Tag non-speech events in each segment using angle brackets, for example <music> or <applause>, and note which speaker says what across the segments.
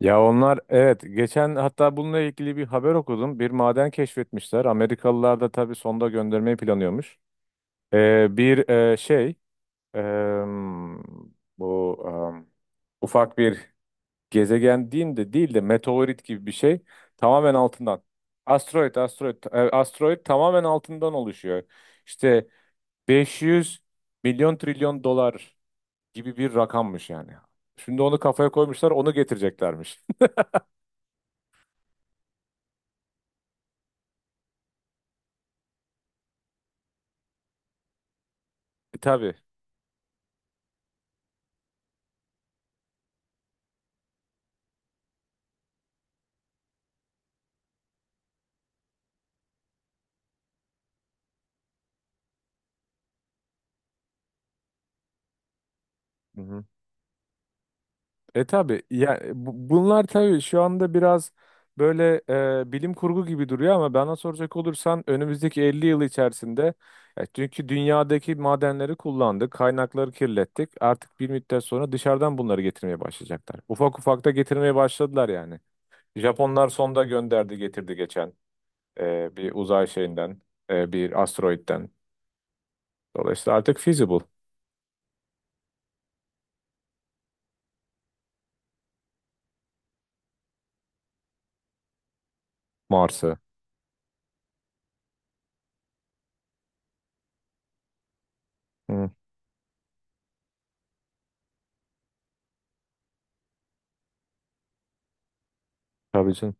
Speaker 1: Ya onlar evet geçen hatta bununla ilgili bir haber okudum. Bir maden keşfetmişler. Amerikalılar da tabii sonda göndermeyi planlıyormuş. Bir e, şey em, bu em, ufak bir gezegen diyeyim de değil de meteorit gibi bir şey, tamamen altından. Asteroid tamamen altından oluşuyor. İşte 500 milyon trilyon dolar gibi bir rakammış yani. Şimdi onu kafaya koymuşlar, onu getireceklermiş. <laughs> E, tabii. Hı hı. E tabii ya, bunlar tabii şu anda biraz böyle bilim kurgu gibi duruyor ama bana soracak olursan önümüzdeki 50 yıl içerisinde, ya çünkü dünyadaki madenleri kullandık, kaynakları kirlettik. Artık bir müddet sonra dışarıdan bunları getirmeye başlayacaklar. Ufak ufak da getirmeye başladılar yani. Japonlar sonda gönderdi, getirdi geçen, bir uzay şeyinden, bir asteroitten. Dolayısıyla artık feasible. Mars'ı. Hı, tabii canım.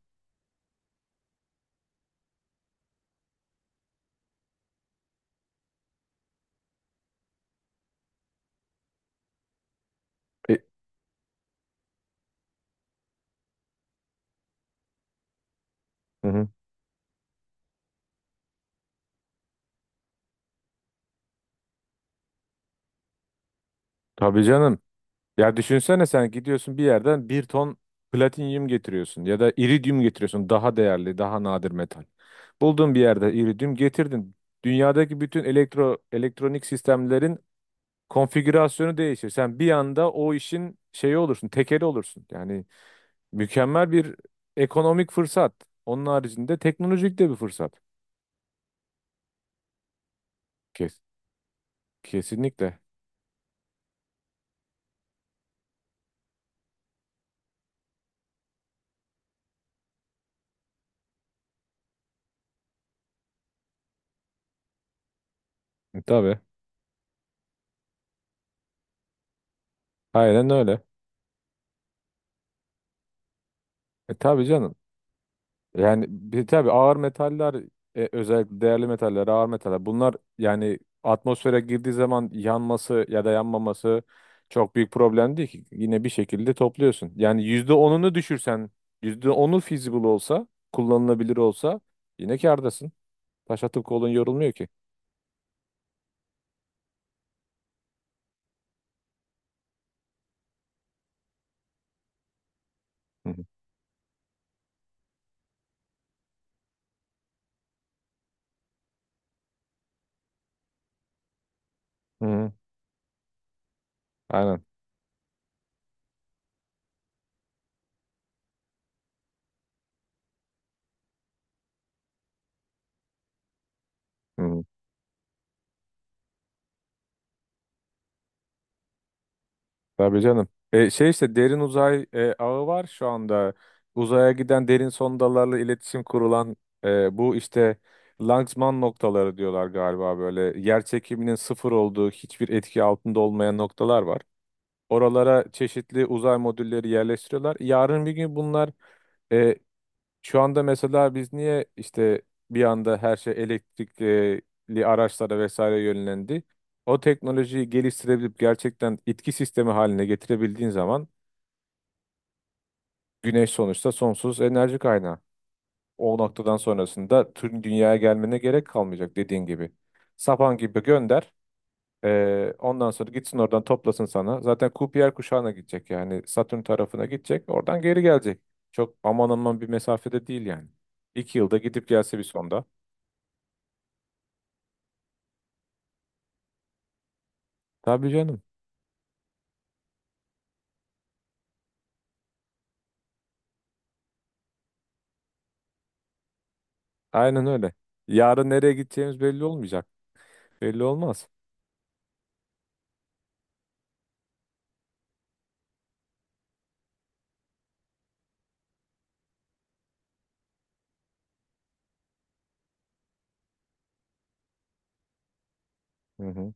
Speaker 1: E, hı hı. Tabii canım. Ya düşünsene, sen gidiyorsun bir yerden bir ton platinyum getiriyorsun ya da iridyum getiriyorsun, daha değerli daha nadir metal. Buldun bir yerde, iridyum getirdin. Dünyadaki bütün elektro elektronik sistemlerin konfigürasyonu değişir. Sen bir anda o işin şeyi olursun, tekeli olursun. Yani mükemmel bir ekonomik fırsat. Onun haricinde teknolojik de bir fırsat. Kes, kesinlikle. E, tabii. Aynen öyle. E, tabii canım. Yani bir, tabii ağır metaller, özellikle değerli metaller, ağır metaller bunlar, yani atmosfere girdiği zaman yanması ya da yanmaması çok büyük problem değil ki. Yine bir şekilde topluyorsun. Yani yüzde onunu düşürsen, yüzde onu feasible olsa, kullanılabilir olsa yine kârdasın. Taş atıp kolun yorulmuyor ki. Hı hı. Hı hı. Aynen. Hı. Tabii canım. Şey işte, derin uzay ağı var şu anda. Uzaya giden derin sondalarla iletişim kurulan, bu işte Lanzmann noktaları diyorlar galiba böyle. Yer çekiminin sıfır olduğu, hiçbir etki altında olmayan noktalar var. Oralara çeşitli uzay modülleri yerleştiriyorlar. Yarın bir gün bunlar, e, şu anda mesela biz niye işte bir anda her şey elektrikli araçlara vesaire yönlendi? O teknolojiyi geliştirebilip gerçekten itki sistemi haline getirebildiğin zaman, güneş sonuçta sonsuz enerji kaynağı. O noktadan sonrasında tüm dünyaya gelmene gerek kalmayacak dediğin gibi. Sapan gibi gönder. Ondan sonra gitsin oradan toplasın sana. Zaten Kuiper kuşağına gidecek, yani Satürn tarafına gidecek. Oradan geri gelecek. Çok aman aman bir mesafede değil yani. İki yılda gidip gelse bir sonda. Tabii canım. Aynen öyle. Yarın nereye gideceğimiz belli olmayacak. Belli olmaz. Hı hı.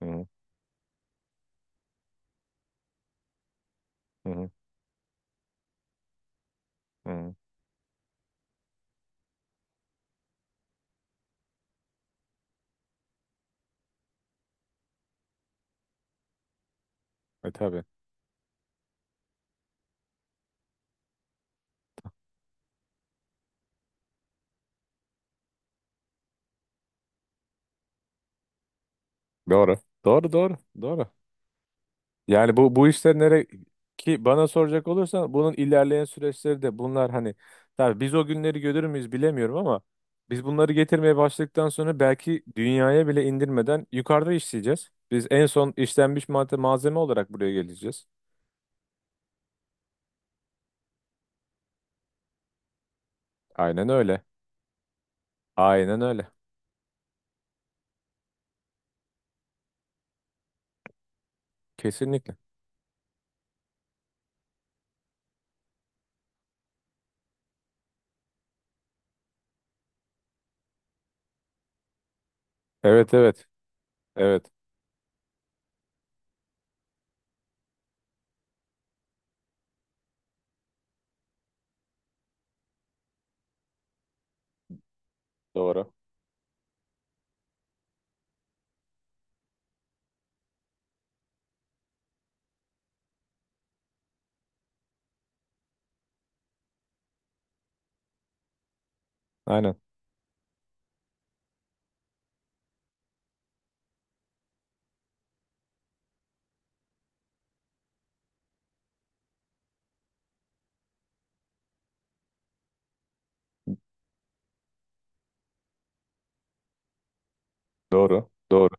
Speaker 1: Hı hı. Hı hı. Hı. E tabii. Doğru. Doğru doğru. Doğru. Yani bu bu işler nereye ki, bana soracak olursan bunun ilerleyen süreçleri de bunlar hani, tabii biz o günleri görür müyüz bilemiyorum ama biz bunları getirmeye başladıktan sonra belki dünyaya bile indirmeden yukarıda işleyeceğiz. Biz en son işlenmiş madde malzeme olarak buraya geleceğiz. Aynen öyle. Aynen öyle. Kesinlikle. Evet evet. Evet. Doğru. Aynen. Doğru. Doğru.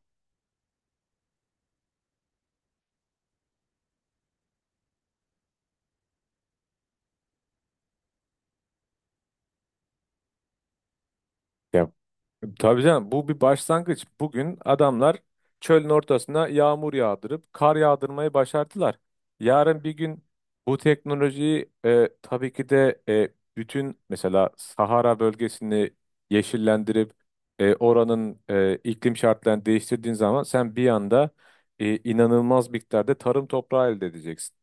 Speaker 1: Ya, tabii canım, bu bir başlangıç. Bugün adamlar çölün ortasına yağmur yağdırıp kar yağdırmayı başardılar. Yarın bir gün bu teknolojiyi, tabii ki de, bütün mesela Sahara bölgesini yeşillendirip, oranın iklim şartlarını değiştirdiğin zaman sen bir anda inanılmaz miktarda tarım toprağı elde edeceksin.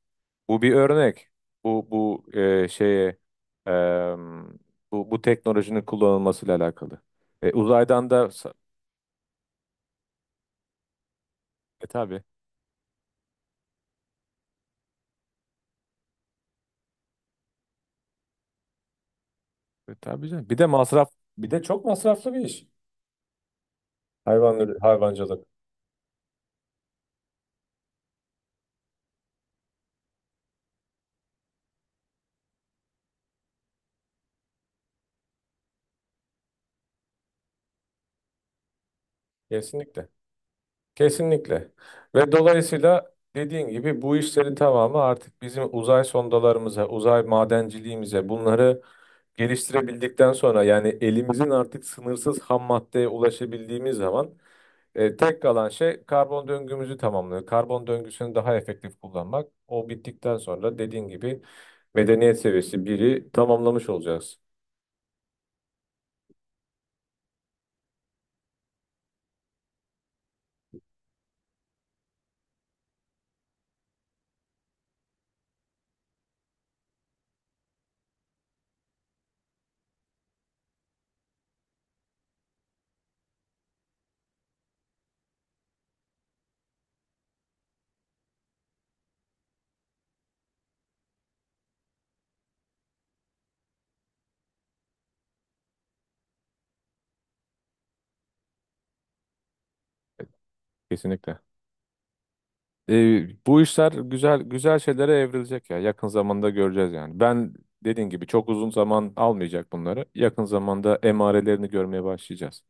Speaker 1: Bu bir örnek. Bu bu e, şeye e, bu bu teknolojinin kullanılmasıyla alakalı. E, uzaydan da, tabii. E, tabii canım. Bir de masraf, bir de çok masraflı bir iş. Hayvancılık. Kesinlikle. Kesinlikle. Ve dolayısıyla dediğin gibi bu işlerin tamamı artık bizim uzay sondalarımıza, uzay madenciliğimize, bunları geliştirebildikten sonra, yani elimizin artık sınırsız ham maddeye ulaşabildiğimiz zaman, tek kalan şey karbon döngümüzü tamamlıyor. Karbon döngüsünü daha efektif kullanmak. O bittikten sonra dediğin gibi medeniyet seviyesi biri tamamlamış olacağız. Kesinlikle. Bu işler güzel güzel şeylere evrilecek ya. Yakın zamanda göreceğiz yani. Ben, dediğin gibi, çok uzun zaman almayacak bunları. Yakın zamanda emarelerini görmeye başlayacağız.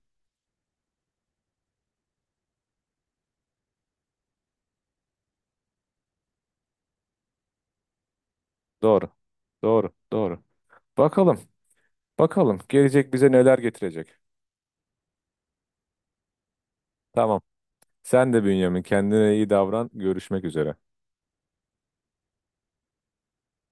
Speaker 1: Doğru. Doğru. Doğru. Bakalım. Bakalım gelecek bize neler getirecek. Tamam. Sen de Bünyamin, kendine iyi davran. Görüşmek üzere.